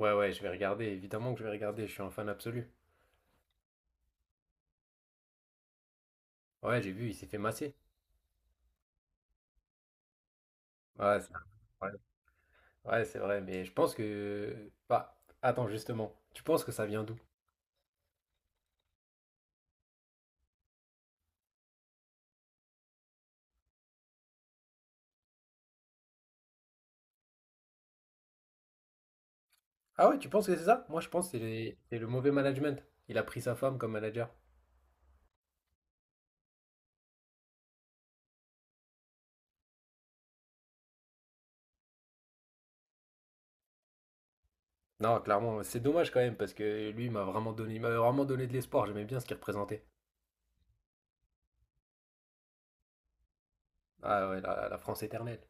Ouais, ouais, je vais regarder, évidemment que je vais regarder, je suis un fan absolu. Ouais, j'ai vu, il s'est fait masser. Ouais, c'est ouais. Ouais, c'est vrai, Bah, attends, justement, tu penses que ça vient d'où? Ah ouais, tu penses que c'est ça? Moi, je pense que c'est le mauvais management. Il a pris sa femme comme manager. Non, clairement, c'est dommage quand même, parce que lui, il m'a vraiment donné de l'espoir, j'aimais bien ce qu'il représentait. Ah ouais, la France éternelle.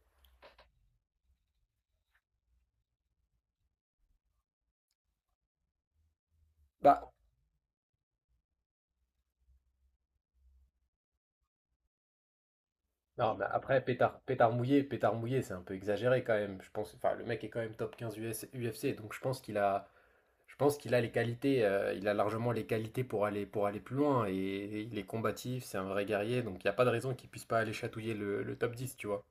Bah, non, mais après, pétard, pétard mouillé, c'est un peu exagéré quand même. Je pense, enfin, le mec est quand même top 15 US, UFC, donc je pense qu'il a... Je pense qu'il a les qualités, il a largement les qualités pour aller plus loin. Et il est combatif, c'est un vrai guerrier, donc il n'y a pas de raison qu'il puisse pas aller chatouiller le top 10, tu vois.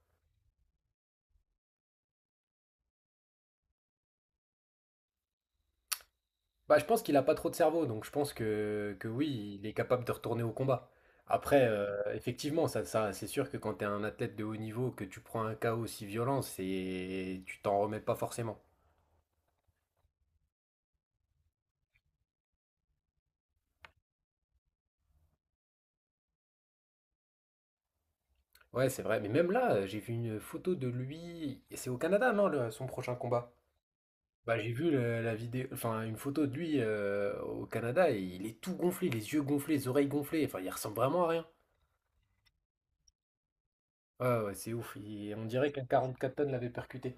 Bah, je pense qu'il a pas trop de cerveau, donc je pense que oui, il est capable de retourner au combat. Après, effectivement, ça, c'est sûr que quand tu es un athlète de haut niveau, que tu prends un KO aussi violent, tu t'en remets pas forcément. Ouais, c'est vrai. Mais même là, j'ai vu une photo de lui, et c'est au Canada, non, son prochain combat? Bah, j'ai vu la vidéo, enfin une photo de lui au Canada et il est tout gonflé, les yeux gonflés, les oreilles gonflées, enfin il ressemble vraiment à rien. Ouais, ouais, c'est ouf, on dirait qu'un 4 tonnes l'avait percuté.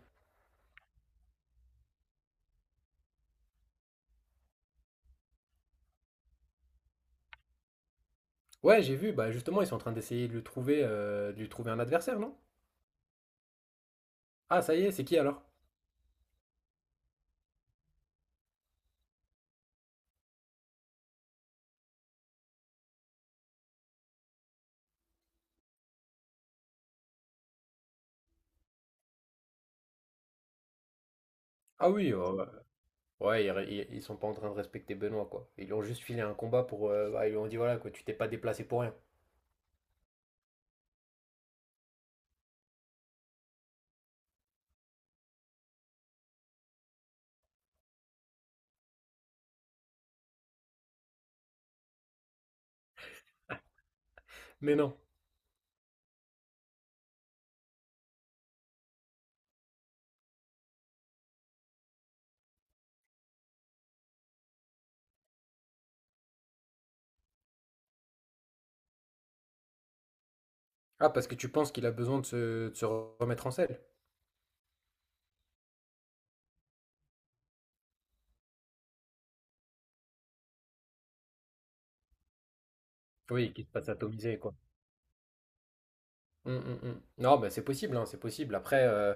Ouais, j'ai vu, bah justement, ils sont en train d'essayer de lui trouver un adversaire, non? Ah, ça y est, c'est qui alors? Ah oui, ouais, ouais, ils sont pas en train de respecter Benoît, quoi. Ils lui ont juste filé un combat pour. Bah, ils lui ont dit, voilà, quoi, tu t'es pas déplacé pour rien. Mais non. Ah, parce que tu penses qu'il a besoin de se remettre en selle? Oui, qu'il se passe atomiser, quoi. Mm, mm, mm. Non, mais c'est possible, hein, c'est possible. Après,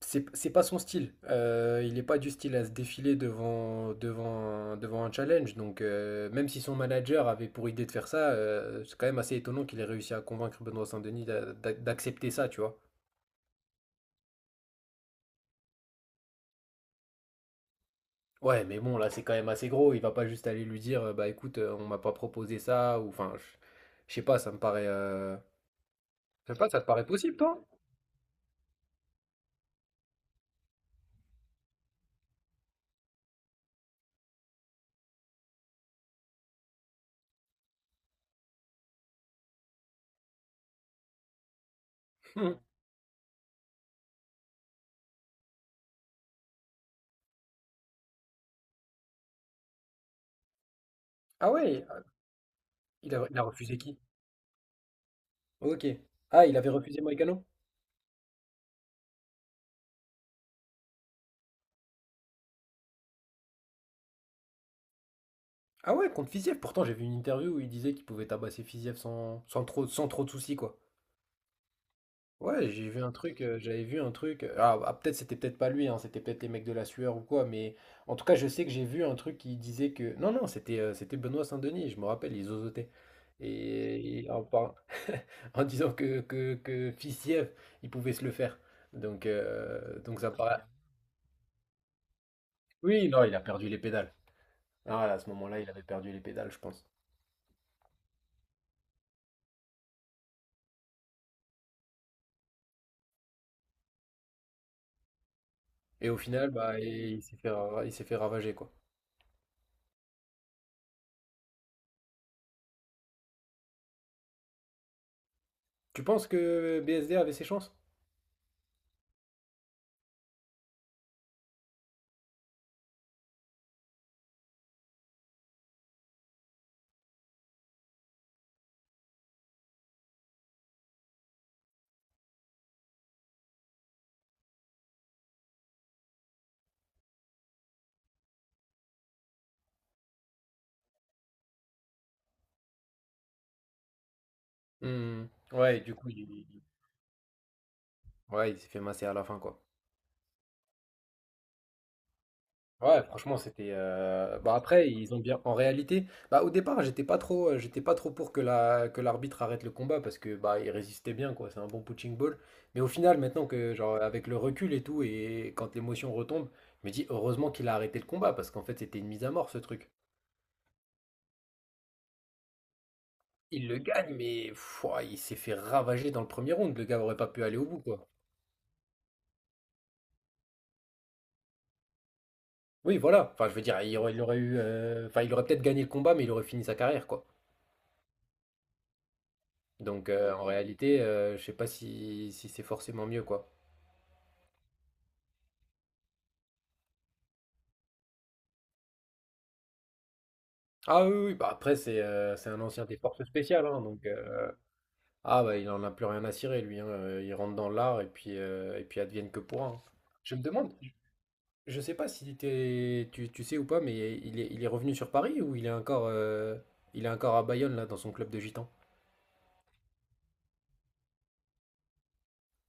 c'est pas son style. Il n'est pas du style à se défiler devant un challenge. Donc, même si son manager avait pour idée de faire ça, c'est quand même assez étonnant qu'il ait réussi à convaincre Benoît Saint-Denis d'accepter ça, tu vois. Ouais, mais bon, là, c'est quand même assez gros. Il va pas juste aller lui dire, bah écoute, on m'a pas proposé ça, ou enfin, je sais pas, ça me paraît. Je sais pas, ça te paraît possible, toi? Hmm. Ah ouais, il a refusé qui? Ok. Ah, il avait refusé Moïcano? Ah ouais, contre Fiziev, pourtant j'ai vu une interview où il disait qu'il pouvait tabasser Fiziev sans trop de soucis, quoi. Ouais, j'ai vu un truc, j'avais vu un truc. Ah, ah, peut-être c'était peut-être pas lui, hein, c'était peut-être les mecs de la sueur ou quoi, mais en tout cas, je sais que j'ai vu un truc qui disait que. Non, non, c'était c'était Benoît Saint-Denis, je me rappelle, ils zozotait. Et en disant que Fiziev, il pouvait se le faire. Donc, ça me paraît. Oui, non, il a perdu les pédales. Ah, à ce moment-là, il avait perdu les pédales, je pense. Et au final, bah, il s'est fait ravager, quoi. Tu penses que BSD avait ses chances? Hmm. Ouais, du coup, ouais, il s'est fait masser à la fin, quoi. Ouais, franchement, c'était. Bah après, ils ont bien. En réalité, bah au départ, j'étais pas trop pour que l'arbitre arrête le combat parce que bah il résistait bien, quoi. C'est un bon punching ball. Mais au final, maintenant que genre avec le recul et tout et quand l'émotion retombe, je me dis heureusement qu'il a arrêté le combat parce qu'en fait, c'était une mise à mort ce truc. Il le gagne, mais pouah, il s'est fait ravager dans le premier round. Le gars aurait pas pu aller au bout, quoi. Oui, voilà. Enfin, je veux dire, enfin, il aurait peut-être gagné le combat, mais il aurait fini sa carrière, quoi. Donc, en réalité, je sais pas si c'est forcément mieux, quoi. Ah oui, oui, bah après, c'est un ancien des forces spéciales, hein, Ah bah, il en a plus rien à cirer, lui, hein. Il rentre dans l'art, et puis advienne que pourra, hein. Je me demande, Je sais pas si tu sais ou pas, mais il est revenu sur Paris ou il est encore à Bayonne là dans son club de gitans?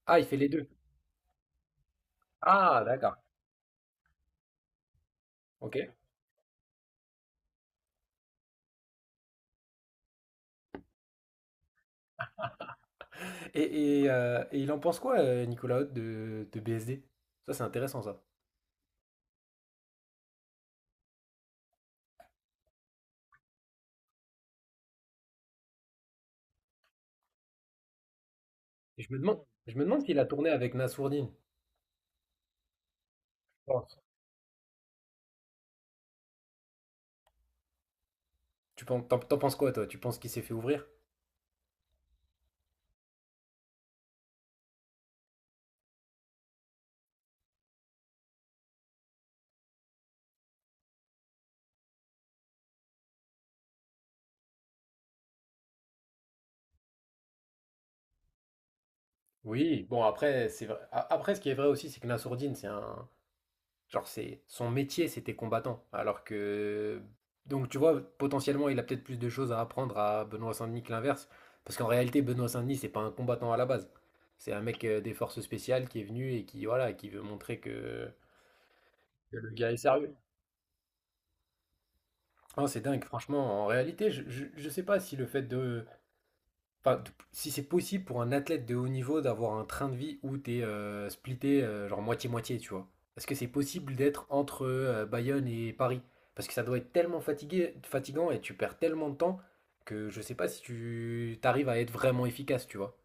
Ah, il fait les deux. Ah, d'accord. Ok. Et il en pense quoi, Nicolas Hott de BSD? Ça, c'est intéressant ça. Et je me demande s'il a tourné avec Nassourdine. Je pense. Tu penses, t'en penses quoi toi? Tu penses qu'il s'est fait ouvrir? Oui. Bon après, c'est vrai. Après, ce qui est vrai aussi, c'est que Nassourdine, c'est un, Genre, c'est son métier, c'était combattant. Alors que. Donc, tu vois, potentiellement, il a peut-être plus de choses à apprendre à Benoît Saint-Denis que l'inverse. Parce qu'en réalité, Benoît Saint-Denis, c'est pas un combattant à la base. C'est un mec des forces spéciales qui est venu et qui, voilà, qui veut montrer que. Que le gars est sérieux. Ah, c'est dingue, franchement. En réalité, je sais pas si le fait de, Enfin, si c'est possible pour un athlète de haut niveau d'avoir un train de vie où t'es splitté genre moitié-moitié, tu vois. Est-ce que c'est possible d'être entre Bayonne et Paris? Parce que ça doit être tellement fatigant et tu perds tellement de temps que je sais pas si tu t'arrives à être vraiment efficace, tu vois.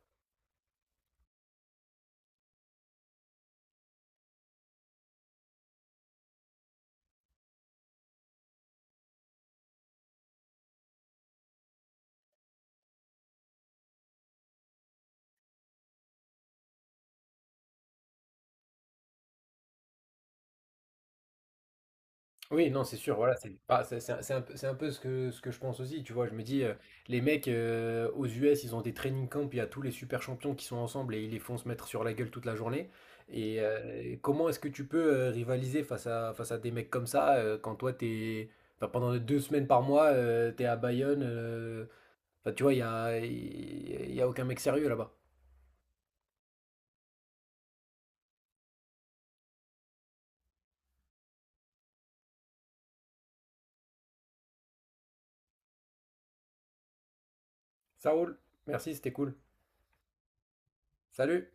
Oui, non, c'est sûr, voilà, c'est pas, c'est un peu ce que je pense aussi, tu vois, je me dis, les mecs aux US, ils ont des training camps, il y a tous les super champions qui sont ensemble et ils les font se mettre sur la gueule toute la journée, et comment est-ce que tu peux rivaliser face à des mecs comme ça, quand toi, t'es, enfin, pendant 2 semaines par mois, t'es à Bayonne, enfin, tu vois, il y a aucun mec sérieux là-bas. Ça roule, merci, c'était cool. Salut!